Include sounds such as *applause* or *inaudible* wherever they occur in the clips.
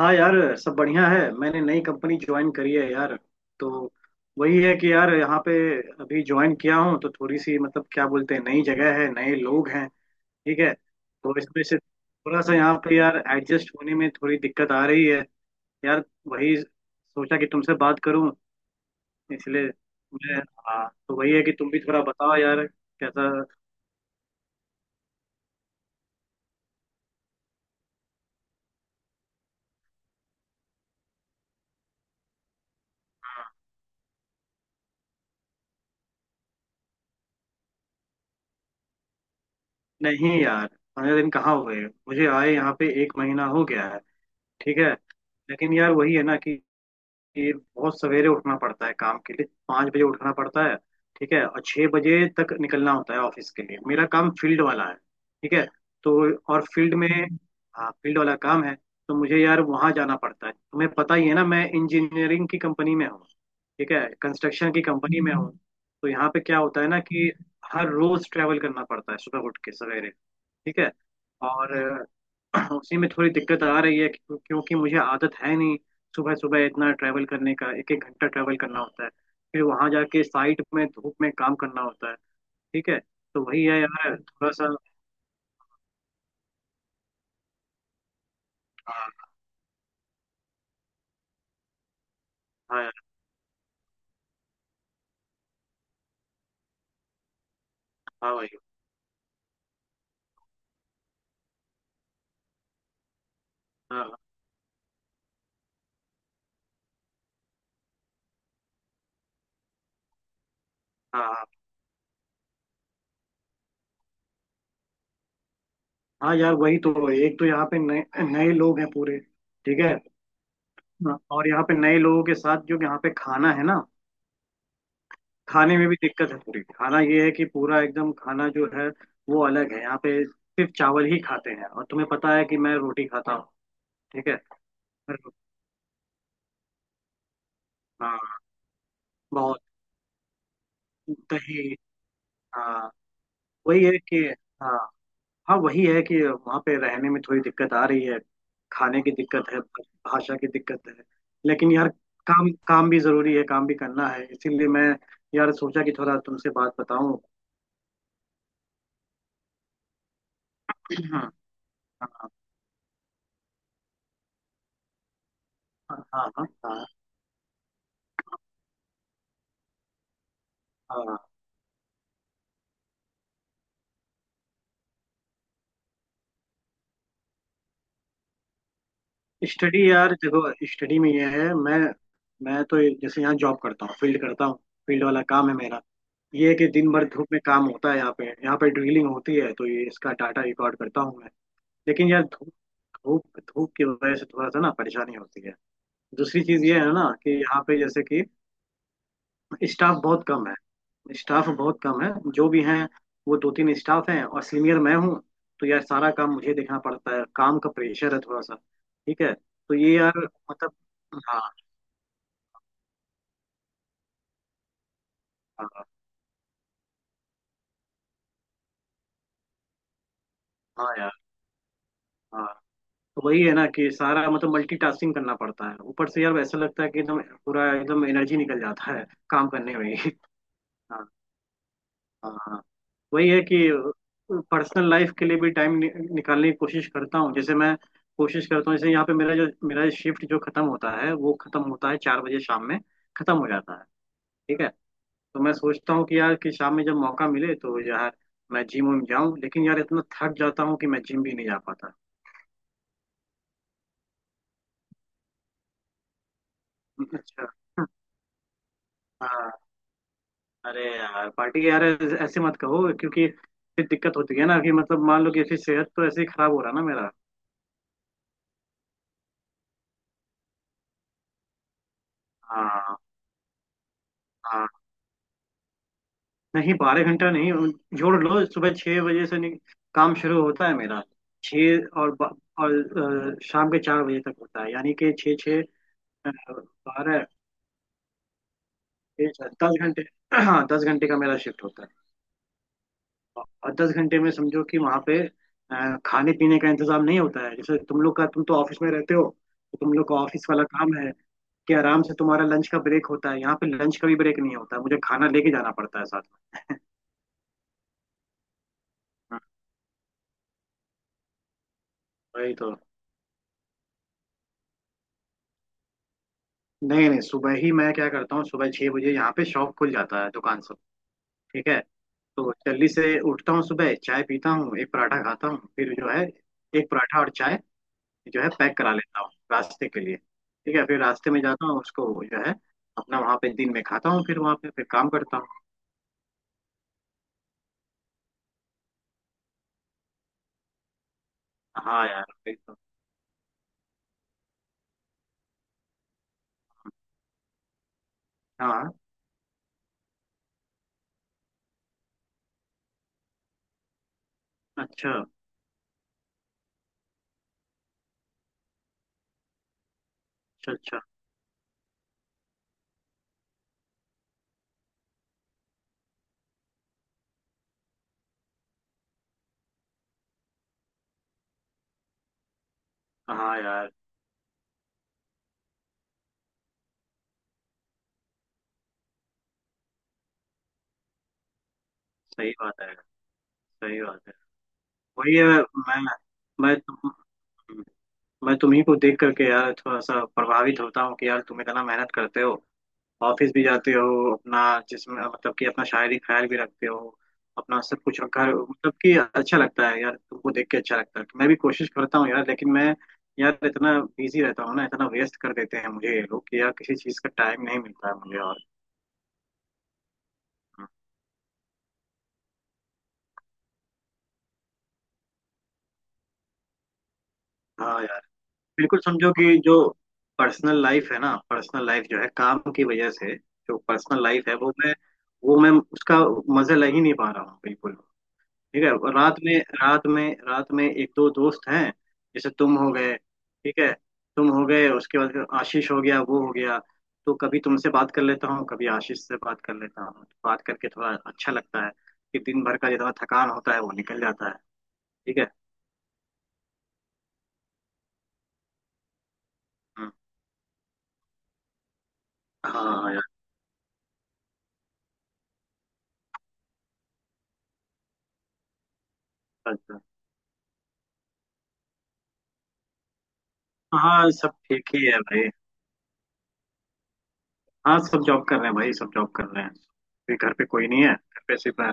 हाँ यार। सब बढ़िया है। मैंने नई कंपनी ज्वाइन करी है यार। तो वही है कि यार यहाँ पे अभी ज्वाइन किया हूँ तो थोड़ी सी मतलब क्या बोलते हैं, नई जगह है, नए लोग हैं। ठीक है। तो इसमें से थोड़ा सा यहाँ पे यार एडजस्ट होने में थोड़ी दिक्कत आ रही है। यार, वही सोचा कि तुमसे बात करूँ इसलिए। मैं, हाँ, तो वही है कि तुम भी थोड़ा बताओ यार, कैसा। नहीं यार, 15 दिन कहाँ हो गए? मुझे आए यहाँ पे एक महीना हो गया है। ठीक है। लेकिन यार वही है ना कि बहुत सवेरे उठना पड़ता है, काम के लिए 5 बजे उठना पड़ता है। ठीक है। और 6 बजे तक निकलना होता है ऑफिस के लिए। मेरा काम फील्ड वाला है। ठीक है। तो और फील्ड में, हाँ, फील्ड वाला काम है। तो मुझे यार वहाँ जाना पड़ता है। तुम्हें पता ही है ना, मैं इंजीनियरिंग की कंपनी में हूँ। ठीक है, कंस्ट्रक्शन की कंपनी में हूँ। तो यहाँ पे क्या होता है ना कि हर रोज ट्रैवल करना पड़ता है, सुबह उठ के सवेरे। ठीक है। और उसी में थोड़ी दिक्कत आ रही है क्योंकि मुझे आदत है नहीं सुबह सुबह इतना ट्रैवल करने का। एक एक घंटा ट्रैवल करना होता है, फिर वहां जाके साइट में धूप में काम करना होता है। ठीक है। तो वही है यार, थोड़ा सा। हाँ। हाँ यार। हाँ भाई। हाँ हाँ। हाँ। हाँ यार वही तो, एक तो यहाँ पे नए नए लोग हैं पूरे। ठीक है। हाँ, और यहाँ पे नए लोगों के साथ जो यहाँ पे खाना है ना, खाने में भी दिक्कत है पूरी। खाना ये है कि पूरा एकदम खाना जो है वो अलग है। यहाँ पे सिर्फ चावल ही खाते हैं, और तुम्हें पता है कि मैं रोटी खाता हूँ। ठीक है। पर- हाँ, बहुत। दही। हाँ, वही है कि, हाँ हाँ, वही है कि वहाँ पे रहने में थोड़ी दिक्कत आ रही है। खाने की दिक्कत है, भाषा की दिक्कत है। लेकिन यार, काम काम भी जरूरी है, काम भी करना है, इसीलिए मैं यार सोचा कि थोड़ा तुमसे बात बताऊं। *clears throat* हाँ। हाँ हाँ। हाँ। हाँ हाँ। स्टडी यार, देखो, स्टडी में ये है, मैं, जैसे यहाँ जॉब करता हूँ, फील्ड करता हूँ। फील्ड वाला काम है मेरा। ये है कि दिन भर धूप में काम होता है यहाँ पे, यहाँ पे ड्रिलिंग होती है तो ये इसका डाटा रिकॉर्ड करता हूँ मैं। लेकिन यार धूप धूप धूप की वजह से थोड़ा सा ना परेशानी होती है। दूसरी चीज ये है ना कि यहाँ पे जैसे कि स्टाफ बहुत कम है, स्टाफ बहुत कम है, जो भी हैं वो दो तीन स्टाफ हैं और सीनियर मैं हूँ। तो यार सारा काम मुझे देखना पड़ता है, काम का प्रेशर है थोड़ा सा। ठीक है। तो ये यार, मतलब, हाँ, हाँ हाँ यार। हाँ, तो वही है ना कि सारा मतलब मल्टीटास्किंग करना पड़ता है। ऊपर से यार ऐसा लगता है कि एकदम पूरा एकदम एनर्जी निकल जाता है काम करने में ही। हाँ। हाँ हाँ। वही है कि पर्सनल लाइफ के लिए भी निकालने की कोशिश करता हूँ। जैसे मैं कोशिश करता हूँ जैसे यहाँ पे मेरा जो, मेरा शिफ्ट जो खत्म होता है वो खत्म होता है 4 बजे शाम में खत्म हो जाता है। ठीक है। तो मैं सोचता हूँ कि यार कि शाम में जब मौका मिले तो यार मैं जिम विम जाऊँ, लेकिन यार इतना थक जाता हूँ कि मैं जिम भी नहीं जा पाता। अच्छा। हाँ। अरे यार पार्टी के यार, ऐसे ऐसे मत कहो क्योंकि फिर दिक्कत होती है ना कि मतलब मान लो कि ऐसी सेहत तो ऐसे ही खराब हो रहा ना मेरा। हाँ। हाँ, नहीं 12 घंटा नहीं, जोड़ लो सुबह 6 बजे से, नहीं, काम शुरू होता है मेरा छः और ब- और अ, शाम के चार बजे तक होता है, यानी कि छः, छः, बारह, 10 घंटे। हाँ, 10 घंटे का मेरा शिफ्ट होता है। और 10 घंटे में समझो कि वहां पे खाने पीने का इंतजाम नहीं होता है। जैसे तुम लोग का, तुम तो ऑफिस में रहते हो, तो तुम लोग का ऑफिस वाला काम है कि आराम से तुम्हारा लंच का ब्रेक होता है। यहाँ पे लंच का भी ब्रेक नहीं होता है, मुझे खाना लेके जाना पड़ता है साथ में। हाँ, वही तो। नहीं नहीं, सुबह ही मैं क्या करता हूँ, सुबह छह बजे यहाँ पे शॉप खुल जाता है, दुकान सब। ठीक है। तो जल्दी से उठता हूँ, सुबह चाय पीता हूँ, एक पराठा खाता हूँ, फिर जो है, एक पराठा और चाय जो है पैक करा लेता हूँ रास्ते के लिए। ठीक है। फिर रास्ते में जाता हूँ उसको जो है अपना वहाँ पे दिन में खाता हूँ, फिर वहाँ पे फिर काम करता हूँ। हाँ यार वही तो। हाँ। अच्छा अच्छा अच्छा। हाँ यार, सही बात है। सही बात है। वही है मैं तुम मैं तुम्ही को देख करके यार थोड़ा सा प्रभावित होता हूँ कि यार तुम इतना मेहनत करते हो, ऑफिस भी जाते हो, अपना जिसमें मतलब कि अपना शायरी ख्याल भी रखते हो, अपना सब कुछ घर, मतलब कि अच्छा लगता है यार, तुमको देख के अच्छा लगता है तो मैं भी कोशिश करता हूँ यार, लेकिन मैं यार इतना बिजी रहता हूँ ना, इतना वेस्ट कर देते हैं मुझे ये लोग कि यार किसी चीज़ का टाइम नहीं मिलता है मुझे, और हाँ यार। बिल्कुल, समझो कि जो पर्सनल लाइफ है ना, पर्सनल लाइफ जो है, काम की वजह से जो पर्सनल लाइफ है वो मैं, वो मैं उसका मजा ले ही नहीं पा रहा हूँ बिल्कुल। ठीक है। और रात में, रात में एक दो दोस्त हैं जैसे तुम हो गए। ठीक है। तुम हो गए, उसके बाद फिर आशीष हो गया, वो हो गया। तो कभी तुमसे बात कर लेता हूँ, कभी आशीष से बात कर लेता हूँ, तो बात करके थोड़ा अच्छा लगता है कि दिन भर का जितना थकान होता है वो निकल जाता है। ठीक है। हम्म। हाँ यार। अच्छा। हाँ सब ठीक ही है भाई। हाँ, सब जॉब कर रहे हैं भाई, सब जॉब कर रहे हैं। अभी घर पे कोई नहीं है, घर पे सिर्फ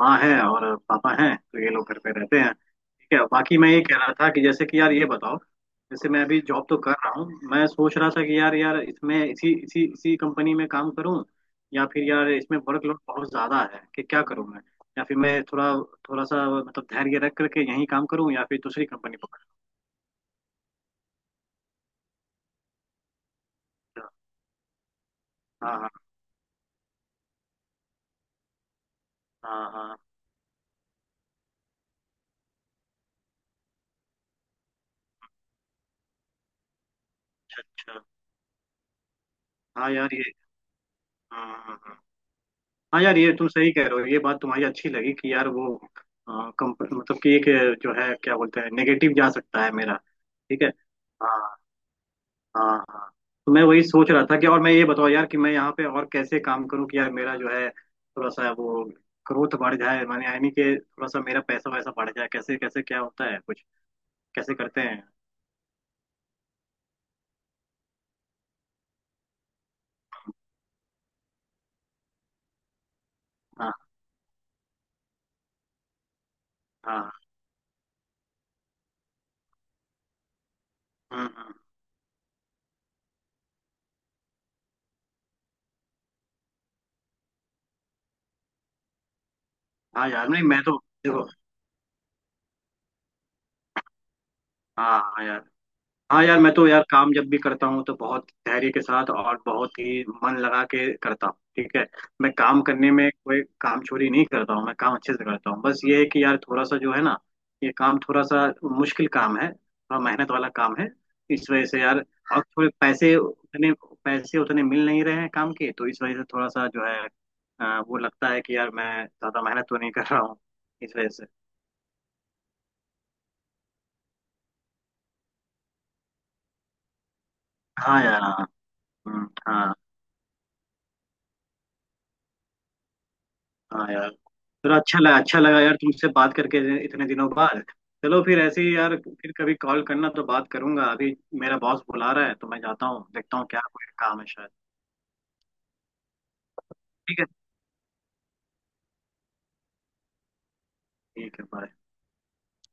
माँ है और पापा हैं, तो ये लोग घर पे रहते हैं। ठीक है। बाकी मैं ये कह रहा था कि जैसे कि यार ये बताओ, जैसे मैं अभी जॉब तो कर रहा हूँ, मैं सोच रहा था कि यार, यार इसमें इसी इसी इसी कंपनी में काम करूँ या फिर यार इसमें वर्कलोड बहुत ज़्यादा है कि क्या करूँ मैं, या फिर मैं थोड़ा, थोड़ा सा मतलब धैर्य रख करके यहीं काम करूँ या फिर दूसरी कंपनी पकड़। हाँ। हाँ हाँ। हाँ। अच्छा अच्छा। हाँ यार ये, हाँ हाँ हाँ। हाँ यार, ये तुम सही कह रहे हो, ये बात तुम्हारी अच्छी लगी कि यार वो मतलब कि एक जो है क्या बोलते हैं नेगेटिव जा सकता है मेरा। ठीक है। हाँ। हाँ हाँ। तो मैं वही सोच रहा था कि, और मैं ये बताओ यार कि मैं यहाँ पे और कैसे काम करूँ कि यार मेरा जो है थोड़ा सा वो ग्रोथ बढ़ जाए, माने यानी कि थोड़ा सा मेरा पैसा वैसा बढ़ जाए, कैसे, कैसे क्या होता है कुछ, कैसे करते हैं? हाँ। हाँ। हम्म। हाँ यार, नहीं मैं तो, देखो, हाँ हाँ यार। हाँ यार मैं तो यार काम जब भी करता हूँ तो बहुत धैर्य के साथ और बहुत ही मन लगा के करता हूँ। ठीक है। मैं काम करने में कोई काम चोरी नहीं करता हूँ, मैं काम अच्छे से करता हूँ। बस ये है कि यार थोड़ा सा जो है ना, ये काम थोड़ा सा मुश्किल काम है, थोड़ा मेहनत वाला काम है, इस वजह से यार, और थोड़े पैसे उतने मिल नहीं रहे हैं काम के, तो इस वजह से थोड़ा सा जो है वो लगता है कि यार मैं ज्यादा मेहनत तो नहीं कर रहा हूँ इस वजह से। हाँ यार। हाँ। हाँ। हाँ यार। चलो, अच्छा लगा, अच्छा लगा यार तुमसे बात करके इतने दिनों बाद। चलो फिर ऐसे ही यार, फिर कभी कॉल करना तो बात करूंगा। अभी मेरा बॉस बुला रहा है तो मैं जाता हूँ, देखता हूँ क्या कोई काम है शायद। ठीक है। ठीक है bye।